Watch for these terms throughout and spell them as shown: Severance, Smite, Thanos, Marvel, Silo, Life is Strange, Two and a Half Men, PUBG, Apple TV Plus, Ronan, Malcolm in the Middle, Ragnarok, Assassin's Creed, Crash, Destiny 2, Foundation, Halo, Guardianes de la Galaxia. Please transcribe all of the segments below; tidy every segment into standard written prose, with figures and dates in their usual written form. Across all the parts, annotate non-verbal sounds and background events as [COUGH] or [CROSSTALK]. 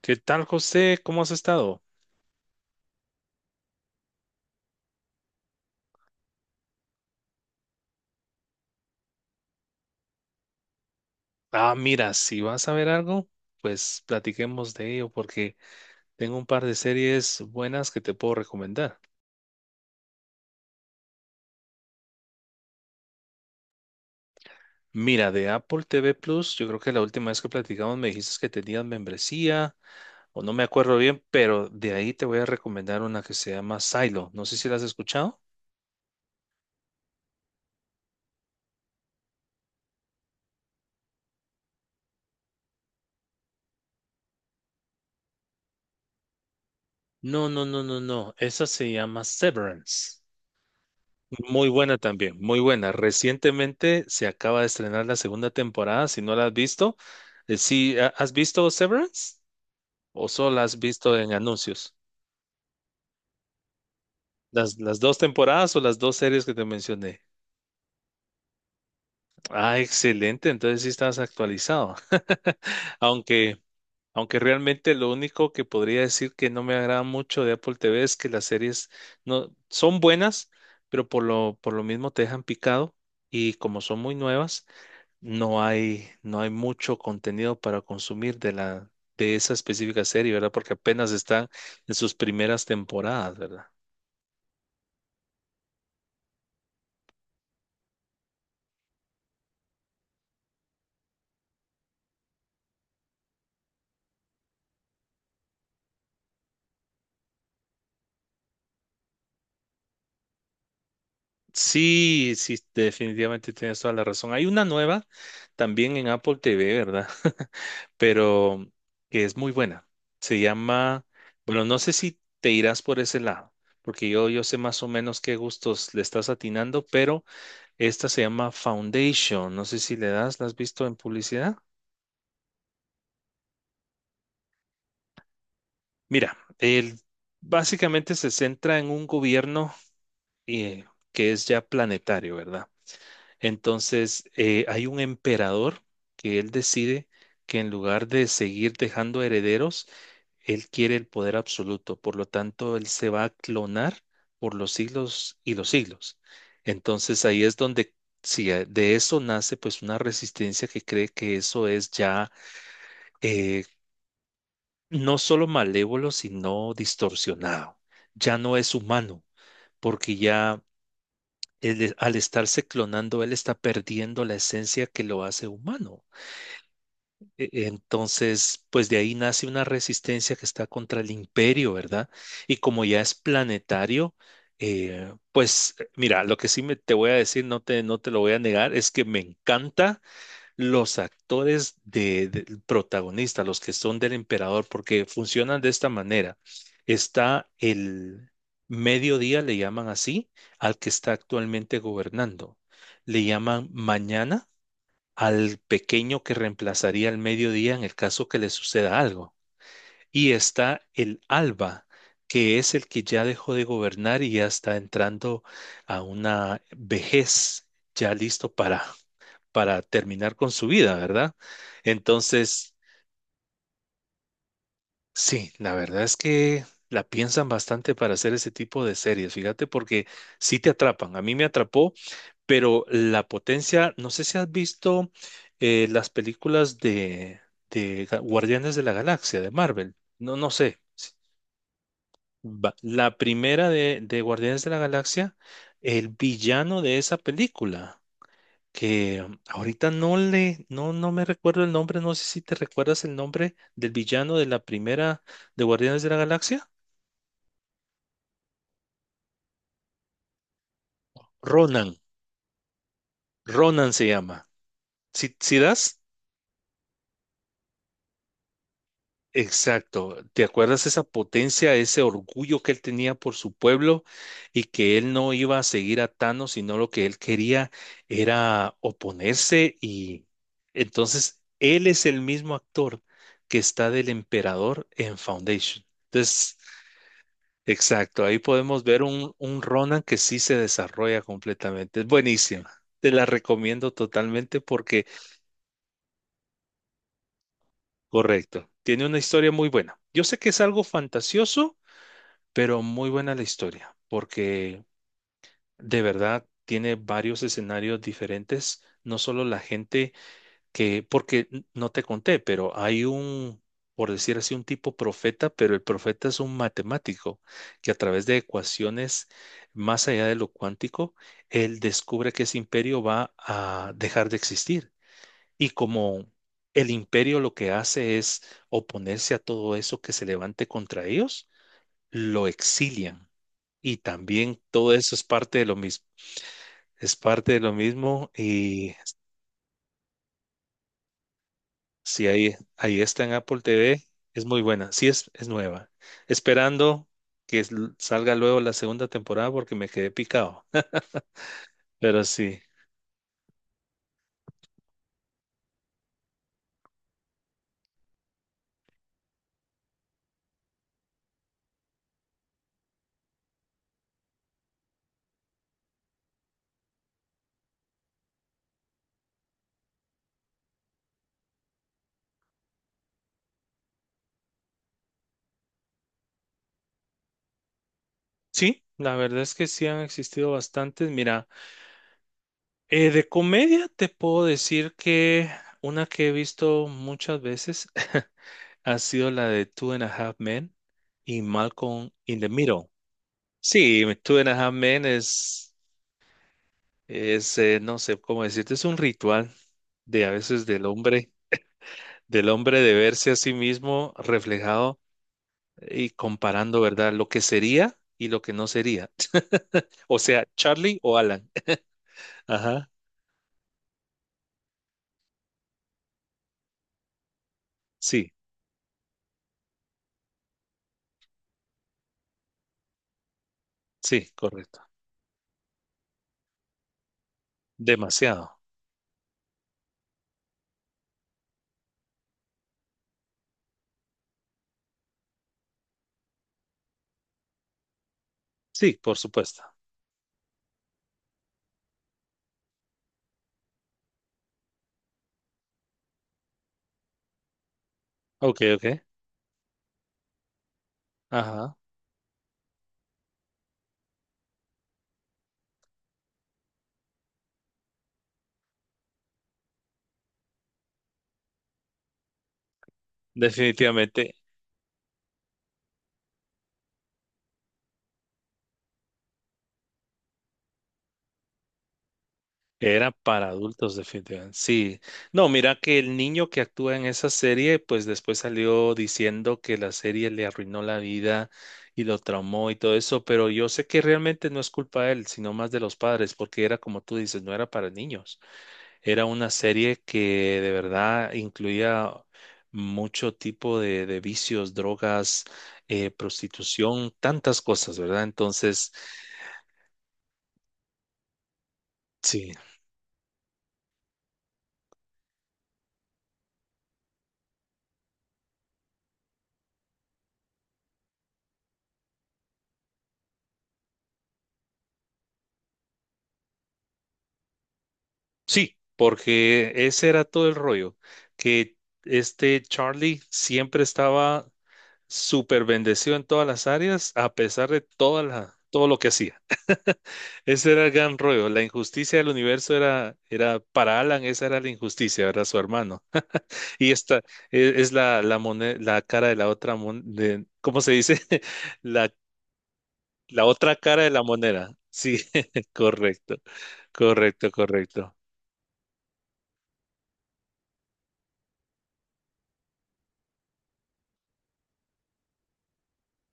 ¿Qué tal, José? ¿Cómo has estado? Ah, mira, si vas a ver algo, pues platiquemos de ello porque tengo un par de series buenas que te puedo recomendar. Mira, de Apple TV Plus, yo creo que la última vez que platicamos me dijiste que tenías membresía o no me acuerdo bien, pero de ahí te voy a recomendar una que se llama Silo. No sé si la has escuchado. No, no, no, no, no. Esa se llama Severance. Muy buena también, muy buena. Recientemente se acaba de estrenar la segunda temporada, si no la has visto. Sí, ¿has visto Severance? ¿O solo la has visto en anuncios? Las dos temporadas o las dos series que te mencioné. Ah, excelente, entonces sí estás actualizado. [LAUGHS] Aunque, aunque realmente lo único que podría decir que no me agrada mucho de Apple TV es que las series no son buenas, pero por lo mismo te dejan picado y como son muy nuevas no hay mucho contenido para consumir de esa específica serie, ¿verdad? Porque apenas está en sus primeras temporadas, ¿verdad? Sí, sí, definitivamente tienes toda la razón. Hay una nueva también en Apple TV, ¿verdad? [LAUGHS] Pero que es muy buena. Se llama, bueno, no sé si te irás por ese lado, porque yo sé más o menos qué gustos le estás atinando, pero esta se llama Foundation. No sé si le das, ¿la has visto en publicidad? Mira, básicamente se centra en un gobierno eh, que es ya planetario, ¿verdad? Entonces, hay un emperador que él decide que en lugar de seguir dejando herederos, él quiere el poder absoluto. Por lo tanto, él se va a clonar por los siglos y los siglos. Entonces, ahí es donde, si de eso nace pues una resistencia que cree que eso es ya eh, no solo malévolo, sino distorsionado. Ya no es humano, porque ya al estarse clonando, él está perdiendo la esencia que lo hace humano. Entonces, pues de ahí nace una resistencia que está contra el imperio, ¿verdad? Y como ya es planetario, pues mira, lo que sí te voy a decir, no te lo voy a negar, es que me encanta los actores del protagonista, los que son del emperador, porque funcionan de esta manera. Está el mediodía, le llaman así, al que está actualmente gobernando. Le llaman mañana al pequeño que reemplazaría al mediodía en el caso que le suceda algo. Y está el alba, que es el que ya dejó de gobernar y ya está entrando a una vejez, ya listo para terminar con su vida, ¿verdad? Entonces, sí, la verdad es que la piensan bastante para hacer ese tipo de series, fíjate, porque sí te atrapan. A mí me atrapó, pero la potencia, no sé si has visto las películas de Guardianes de la Galaxia, de Marvel, no, no sé. Si la primera de Guardianes de la Galaxia, el villano de esa película, que ahorita no me recuerdo el nombre, no sé si te recuerdas el nombre del villano de la primera de Guardianes de la Galaxia. Ronan, Ronan se llama. ¿Si, das? Exacto. ¿Te acuerdas esa potencia, ese orgullo que él tenía por su pueblo y que él no iba a seguir a Thanos, sino lo que él quería era oponerse y entonces él es el mismo actor que está del emperador en Foundation? Entonces, exacto, ahí podemos ver un Ronan que sí se desarrolla completamente. Es buenísima. Te la recomiendo totalmente porque, correcto, tiene una historia muy buena. Yo sé que es algo fantasioso, pero muy buena la historia, porque de verdad tiene varios escenarios diferentes, no solo la gente que, porque no te conté, pero hay un, por decir así, un tipo profeta, pero el profeta es un matemático que a través de ecuaciones más allá de lo cuántico, él descubre que ese imperio va a dejar de existir. Y como el imperio lo que hace es oponerse a todo eso que se levante contra ellos, lo exilian. Y también todo eso es parte de lo mismo. Es parte de lo mismo y si ahí, ahí está en Apple TV, es muy buena. Sí, es nueva. Esperando que salga luego la segunda temporada porque me quedé picado. [LAUGHS] Pero sí, sí, la verdad es que sí han existido bastantes. Mira, de comedia te puedo decir que una que he visto muchas veces [LAUGHS] ha sido la de Two and a Half Men y Malcolm in the Middle. Sí, Two and a Half Men es no sé cómo decirte, es un ritual de a veces del hombre de verse a sí mismo reflejado y comparando, ¿verdad? Lo que sería y lo que no sería. O sea, Charlie o Alan. [LAUGHS] Ajá, sí, sí, correcto. Demasiado. Sí, por supuesto. Ok, ok. Ajá, definitivamente. Era para adultos, definitivamente. Sí. No, mira que el niño que actúa en esa serie, pues después salió diciendo que la serie le arruinó la vida y lo traumó y todo eso, pero yo sé que realmente no es culpa de él, sino más de los padres, porque era como tú dices, no era para niños. Era una serie que de verdad incluía mucho tipo de vicios, drogas, prostitución, tantas cosas, ¿verdad? Entonces, sí. Sí, porque ese era todo el rollo, que este Charlie siempre estaba súper bendecido en todas las áreas, a pesar de todo lo que hacía. [LAUGHS] Ese era el gran rollo. La injusticia del universo era para Alan, esa era la injusticia, era su hermano. [LAUGHS] Y esta es, la cara de la otra, ¿cómo se dice? [LAUGHS] La, la otra cara de la moneda. Sí, [LAUGHS] correcto, correcto, correcto.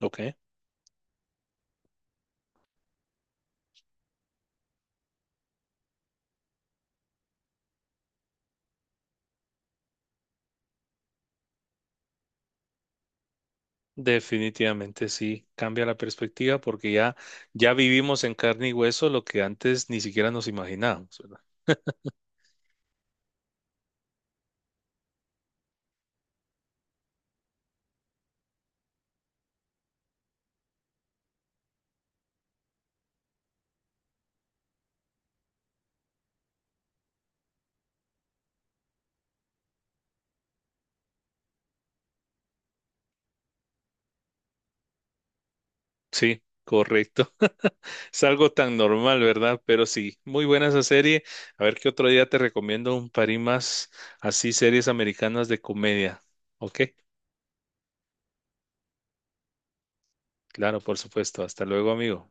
Ok. Definitivamente sí, cambia la perspectiva porque ya, ya vivimos en carne y hueso lo que antes ni siquiera nos imaginábamos, ¿verdad? Sí, correcto. [LAUGHS] Es algo tan normal, ¿verdad? Pero sí, muy buena esa serie. A ver qué otro día te recomiendo un par y más así series americanas de comedia. Ok, claro, por supuesto. Hasta luego, amigo.